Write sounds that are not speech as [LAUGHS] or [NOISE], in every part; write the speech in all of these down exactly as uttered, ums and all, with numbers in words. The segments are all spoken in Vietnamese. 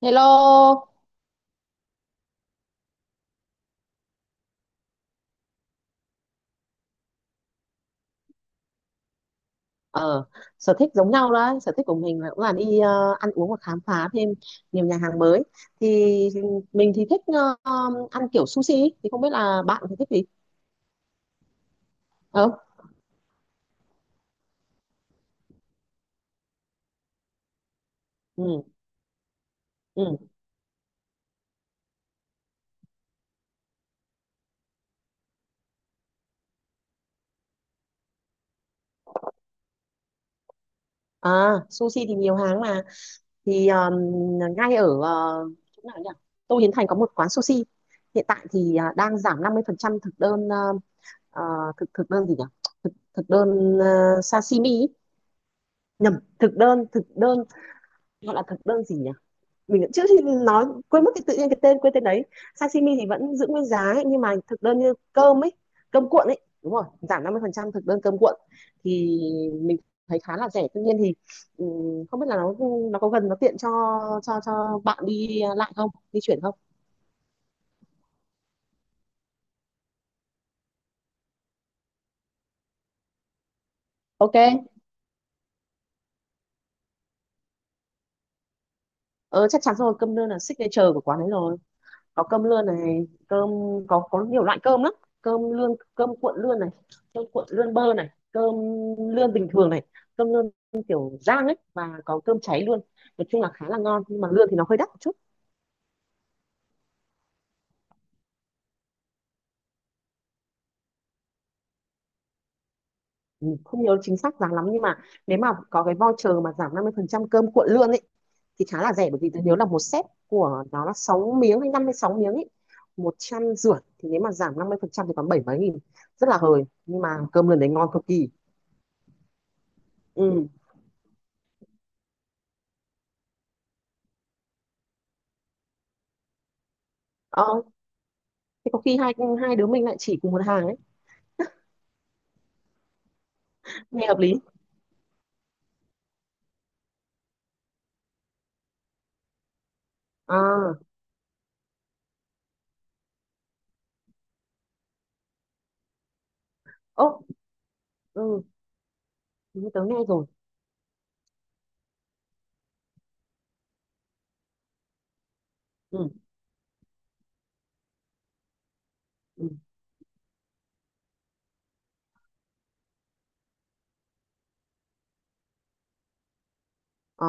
Hello. ờ Sở thích giống nhau đấy, sở thích của mình là cũng là đi ờ, ăn uống và khám phá thêm nhiều nhà hàng mới. Thì mình thì thích ờ, ăn kiểu sushi ý. Thì không biết là bạn thì thích gì không? Ừ, ừ, à, sushi thì nhiều hàng mà. Thì ờ, ngay ở ờ, chỗ nào nhỉ? Tô Hiến Thành có một quán sushi. Hiện tại thì ờ, đang giảm năm mươi phần trăm thực đơn ờ, ờ, thực thực đơn gì nhỉ? Thực, thực đơn ờ, sashimi ý. Nhầm. Thực đơn thực đơn gọi là thực đơn gì nhỉ? Mình cũng trước khi nói quên mất cái, tự nhiên cái tên quên tên đấy. Sashimi thì vẫn giữ nguyên giá ấy, nhưng mà thực đơn như cơm ấy, cơm cuộn ấy, đúng rồi, giảm năm mươi phần trăm thực đơn cơm cuộn. Thì mình thấy khá là rẻ, tuy nhiên thì ừm, không biết là nó nó có gần, nó tiện cho cho cho bạn đi lại không, di chuyển không? Ok. ờ, Chắc chắn rồi, cơm đơn là signature của quán ấy rồi. Có cơm lươn này, cơm, có có nhiều loại cơm lắm. Cơm lươn, cơm cuộn lươn này, cơm cuộn lươn bơ này, cơm lươn bình thường này, cơm lươn kiểu rang ấy, và có cơm cháy luôn. Nói chung là khá là ngon, nhưng mà lươn thì nó hơi đắt một chút. Ừ, không nhớ chính xác giá lắm, nhưng mà nếu mà có cái voucher mà giảm năm mươi phần trăm cơm cuộn lươn ấy thì khá là rẻ, bởi vì tôi nhớ là một set của nó là sáu miếng hay năm mươi sáu miếng ấy, một trăm rưỡi, thì nếu mà giảm năm mươi phần trăm thì còn bảy mấy nghìn, rất là hời, nhưng mà cơm lươn đấy ngon cực kỳ. Ừ. Ờ, thì có khi hai hai đứa mình lại chỉ cùng một hàng ấy. Nghe hợp lý. À, ố, ừ, hình như tớ nghe rồi. Ừ, ừ. Ờ,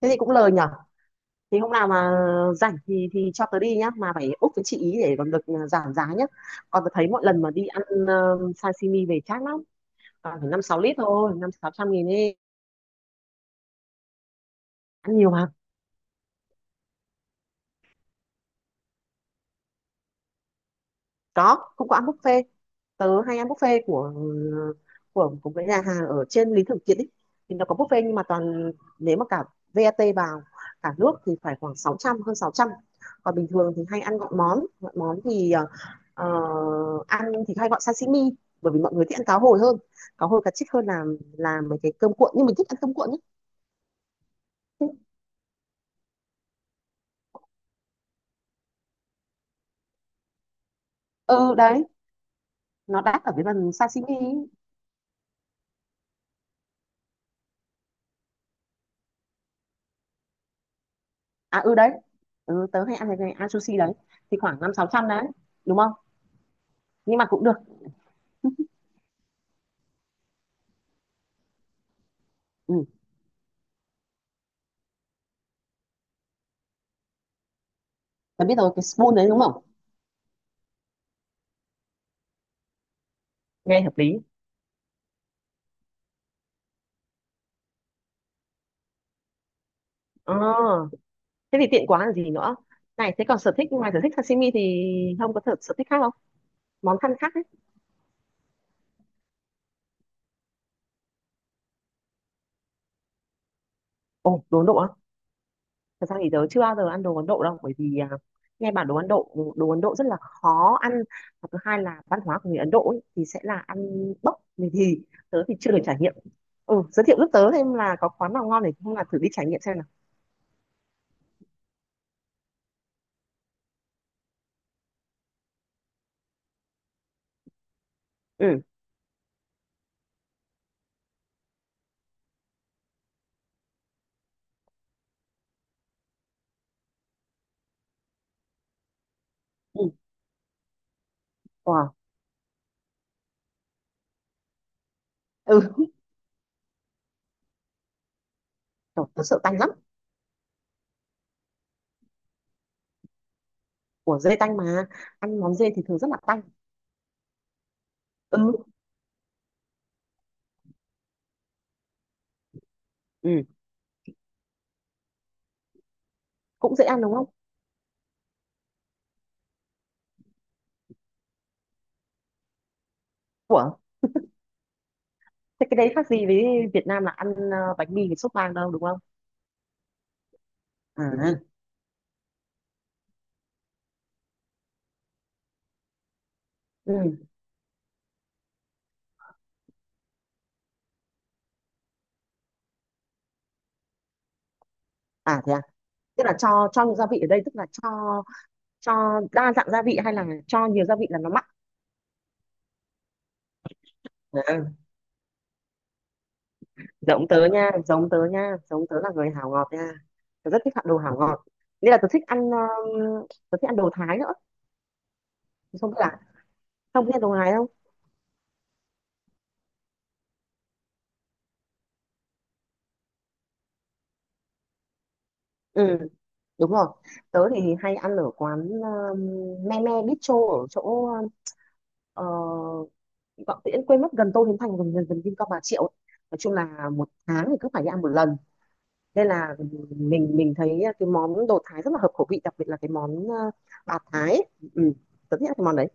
thế thì cũng lời nhở. Thì hôm nào mà rảnh thì thì cho tớ đi nhá, mà phải úc với chị ý để còn được ờ, giảm giá nhá. Còn tớ thấy mỗi lần mà đi ăn ờ, sashimi về chát lắm, toàn phải năm sáu lít thôi, năm sáu trăm nghìn đi. Ăn nhiều mà. Có, cũng có ăn buffet. Tớ hay ăn buffet của của của cái nhà hàng ở trên Lý Thường Kiệt ấy. Thì nó có buffet, nhưng mà toàn nếu mà cả vát vào cả nước thì phải khoảng sáu trăm, hơn sáu trăm. Còn bình thường thì hay ăn gọn món, gọn món thì ờ, ờ, ăn thì hay gọi sashimi, bởi vì mọi người thích ăn cá hồi hơn, cá hồi cá trích hơn là làm mấy cái cơm cuộn, nhưng mình thích ăn cơm cuộn ấy. Ừ đấy, nó đắt ở cái phần sashimi ấy. À, ừ đấy, ừ, tớ hay ăn cái, cái ăn sushi đấy thì khoảng năm sáu trăm đấy, đúng không? Nhưng mà cũng được. Ừ. Tớ biết rồi, cái spoon đấy đúng không? Nghe hợp lý. Ờ, thế thì tiện quá là gì nữa. Này thế còn sở thích ngoài sở thích sashimi thì không có sở, sở thích khác không? Món ăn khác ấy. Ồ, đồ Ấn Độ á? Thật ra thì tớ chưa bao giờ ăn đồ Ấn Độ đâu, bởi vì à, nghe bảo đồ Ấn Độ, đồ Ấn Độ rất là khó ăn, và thứ hai là văn hóa của người Ấn Độ ấy, thì sẽ là ăn bốc mì, thì tớ thì chưa được trải nghiệm. Ừ, giới thiệu giúp tớ thêm là có quán nào ngon để không là thử đi trải nghiệm xem nào. Ừ. Ừ. Wow. Ừ. Trời, tớ sợ tanh lắm. Của dê tanh mà, ăn món dê thì thường rất là tanh. Ừ, ừ, cũng dễ ăn đúng không? Ủa, thế cái đấy khác gì với Việt Nam là ăn ờ, bánh mì với sốt vang đâu, đúng không? À. Ừ. À, thế à? Tức là cho cho nhiều gia vị ở đây, tức là cho cho đa dạng gia vị hay là cho nhiều gia vị là nó mặn? À, giống tớ nha, giống tớ nha, giống tớ là người hảo ngọt nha. Tớ rất thích ăn đồ hảo ngọt, nên là tớ thích ăn ờ, tớ thích ăn đồ Thái nữa. Thì không biết là không biết ăn đồ Thái không. Ừ, đúng rồi, tớ thì hay ăn ở quán ờ, me me bistro ở chỗ ờ, Vọng Tiễn quên mất, gần Tô Hiến Thành gần gần, gần Vincom Bà Triệu ấy. Nói chung là một tháng thì cứ phải đi ăn một lần, nên là mình mình thấy cái món đồ Thái rất là hợp khẩu vị, đặc biệt là cái món ờ, bạt Thái ấy. Ừ, tớ thích ăn cái món đấy.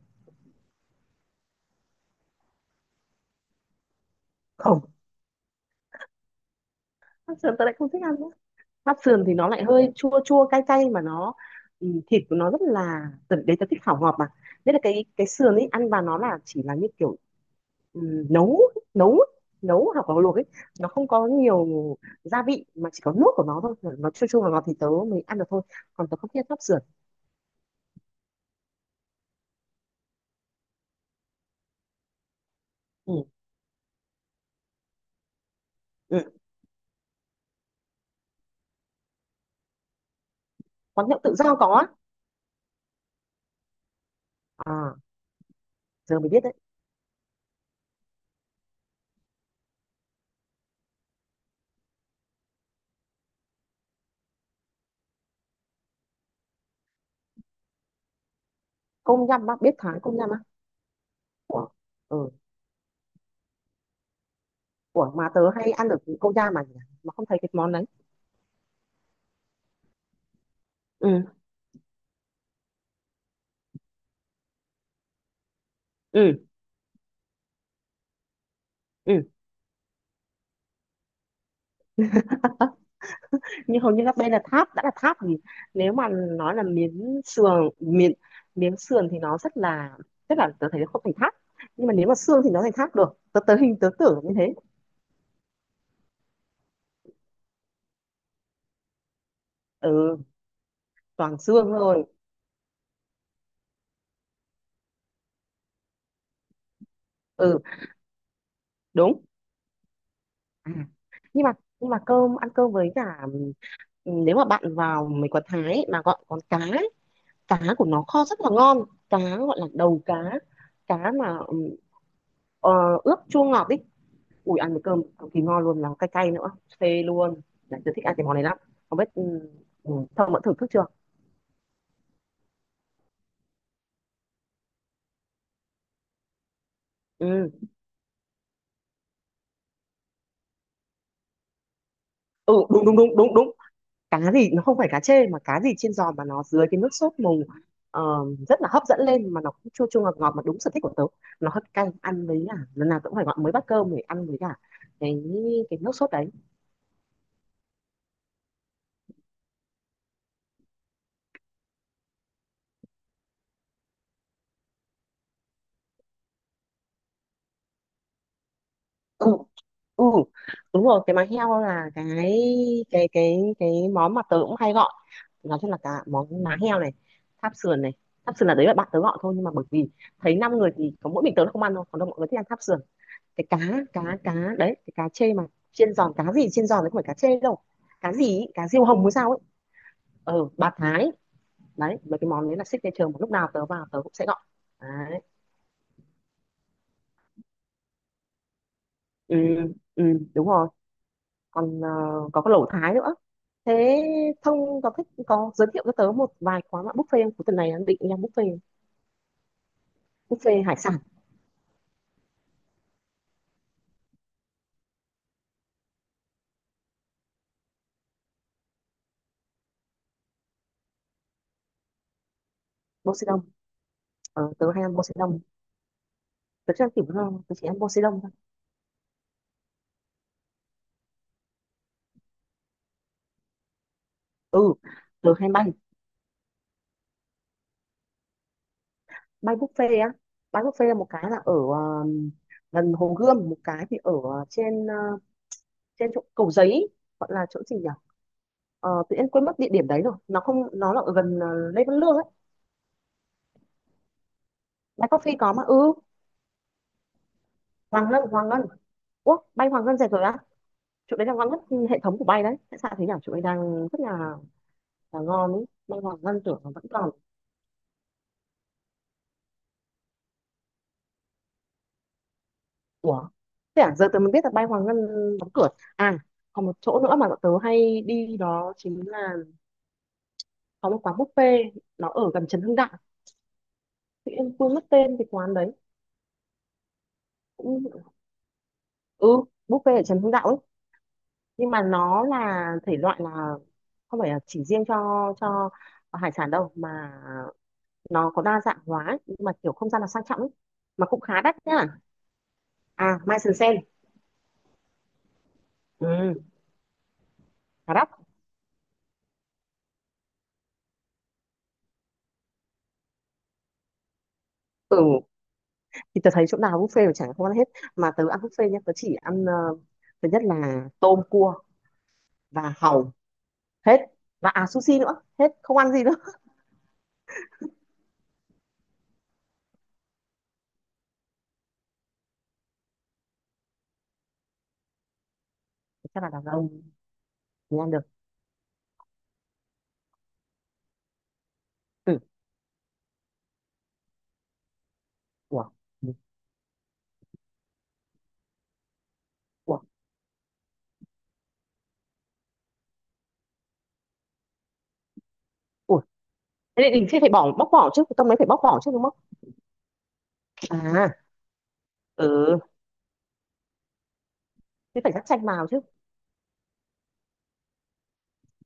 Không, bắp sườn tớ lại không thích ăn nữa. Bắp sườn thì nó lại hơi chua chua cay cay mà nó, ừ, thịt của nó rất là tớ- đấy, tớ thích khảo ngọt mà, nên là cái cái sườn ấy ăn vào nó là chỉ là như kiểu, ừ, nấu nấu nấu hoặc là luộc ấy. Nó không có nhiều gia vị mà chỉ có nước của nó thôi, nó chua chua và ngọt thì tớ mới ăn được thôi, còn tớ không thích ăn sắp sửa. Ừ. Ừ. Quán nhậu tự do có á? À, giờ mới biết đấy. Công nhâm á, biết Thái công nhâm á của. Ừ. Của mà tớ hay ăn được công nhâm mà nhỉ? Mà không thấy cái món đấy. Ừ, ừ, ừ. Nhưng hầu như các bên là tháp, đã là tháp thì nếu mà nói là miếng sườn, miếng miếng sườn thì nó rất là, rất là, tớ thấy nó không thành tháp, nhưng mà nếu mà xương thì nó thành tháp được, tớ tớ hình, tớ tưởng như thế. Ừ, toàn xương thôi. Ừ, đúng. À, nhưng mà nhưng mà cơm, ăn cơm với cả, ừ, nếu mà bạn vào mấy quán Thái ấy, mà gọi con cá ấy, cá của nó kho rất là ngon. Cá gọi là đầu cá, cá mà, ừ, ờ, ướp chua ngọt đi. Ui ăn với cơm cực kỳ ngon luôn, là cay cay nữa, phê luôn. Đấy, tớ thích ăn cái món này lắm. Không biết, ừ, ừ, Thông đã thử thức chưa? Ừ. Ừ, đúng đúng đúng đúng đúng. Cá gì nó không phải cá chê, mà cá gì chiên giòn mà nó dưới cái nước sốt mùng, ờ, rất là hấp dẫn lên, mà nó cũng chua chua ngọt ngọt mà đúng sở thích của tớ. Nó hơi cay, ăn với cả lần nào tớ cũng phải gọi mới bát cơm để ăn với cả cái cái nước sốt đấy. Ừ, ừ đúng rồi, cái má heo là cái cái cái cái món mà tớ cũng hay gọi. Nói chung là cả món má heo này, tháp sườn này. Tháp sườn là đấy là bạn tớ gọi thôi, nhưng mà bởi vì thấy năm người thì có mỗi mình tớ là không ăn thôi, còn đâu mọi người thích ăn tháp sườn. Cái cá, cá cá đấy, cái cá chê mà chiên giòn, cá gì chiên giòn đấy, không phải cá chê đâu, cá gì ý, cá diêu hồng hay sao ấy. Ờ bà Thái, đấy mấy cái món đấy là signature mà lúc nào tớ vào tớ cũng sẽ gọi đấy. Ừ, ừ đúng rồi. Còn ờ, có cái lẩu Thái nữa. Thế Thông có thích, có giới thiệu cho tớ một vài quán bạn buffet không? Cuối tuần này đang định đi ăn buffet. Buffet hải sản. Poseidon. Ờ, tớ hay ăn Poseidon. Tớ chưa ăn kiểu ngon, tớ chỉ ăn Poseidon thôi. Ừ, tớ hay bay, bay buffet á. Bay buffet là một cái là ở ờ, gần Hồ Gươm, một cái thì ở ờ, trên ờ, trên chỗ Cầu Giấy, gọi là chỗ gì nhỉ? Ờ, tự nhiên quên mất địa điểm đấy rồi. Nó không, nó là ở gần ờ, Lê Văn Lương ấy. Bay Coffee có mà, ừ, Hoàng Ngân, Hoàng Ngân. Ủa, bay Hoàng Ngân rẻ rồi á? Chỗ đấy là ngon nhất hệ thống của bay đấy, tại sao thế nhỉ? Chỗ đấy đang rất là, là ngon ấy, bay Hoàng Ngân tưởng nó vẫn còn. Ủa, thế à, giờ tớ mới biết là bay Hoàng Ngân đóng cửa. À, còn một chỗ nữa mà bọn tớ hay đi đó chính là có một quán buffet, nó ở gần Trần Hưng Đạo, tự nhiên quên mất tên cái quán đấy. Cũng, ừ, buffet ở Trần Hưng Đạo ấy, nhưng mà nó là thể loại là không phải là chỉ riêng cho cho hải sản đâu, mà nó có đa dạng hóa ấy. Nhưng mà kiểu không gian là sang trọng ấy. Mà cũng khá đắt nhá. À, Mai Sơn Sen. Ừ, Hà Đắc. Ừ, thì tớ thấy chỗ nào buffet mà chẳng không ăn hết. Mà tớ ăn buffet nhá, tớ chỉ ăn ờ, thứ nhất là tôm cua và hàu, hết. Và à, sushi nữa, hết, không ăn gì nữa. Chắc là đàn ông mới ăn được. Ừ, ủa, ừ, ủa, ủa. Thế thì mình sẽ phải bỏ bóc vỏ chứ, cái tôm đấy phải bóc vỏ chứ đúng không? À, ừ, thế phải cắt chanh vào chứ.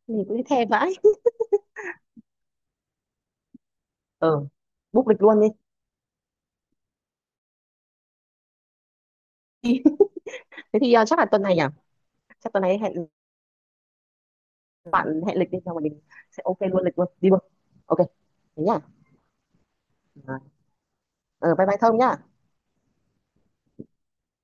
Nhìn cũng thèm vãi. Ừ, book lịch luôn đi. [LAUGHS] Thế thì ờ, chắc là tuần này à? Chắc tuần này hẹn, bạn hẹn lịch đi, xong rồi mình sẽ ok luôn lịch luôn, đi luôn. Ok, thế nhá. Ừ, bye bye Thông nhá.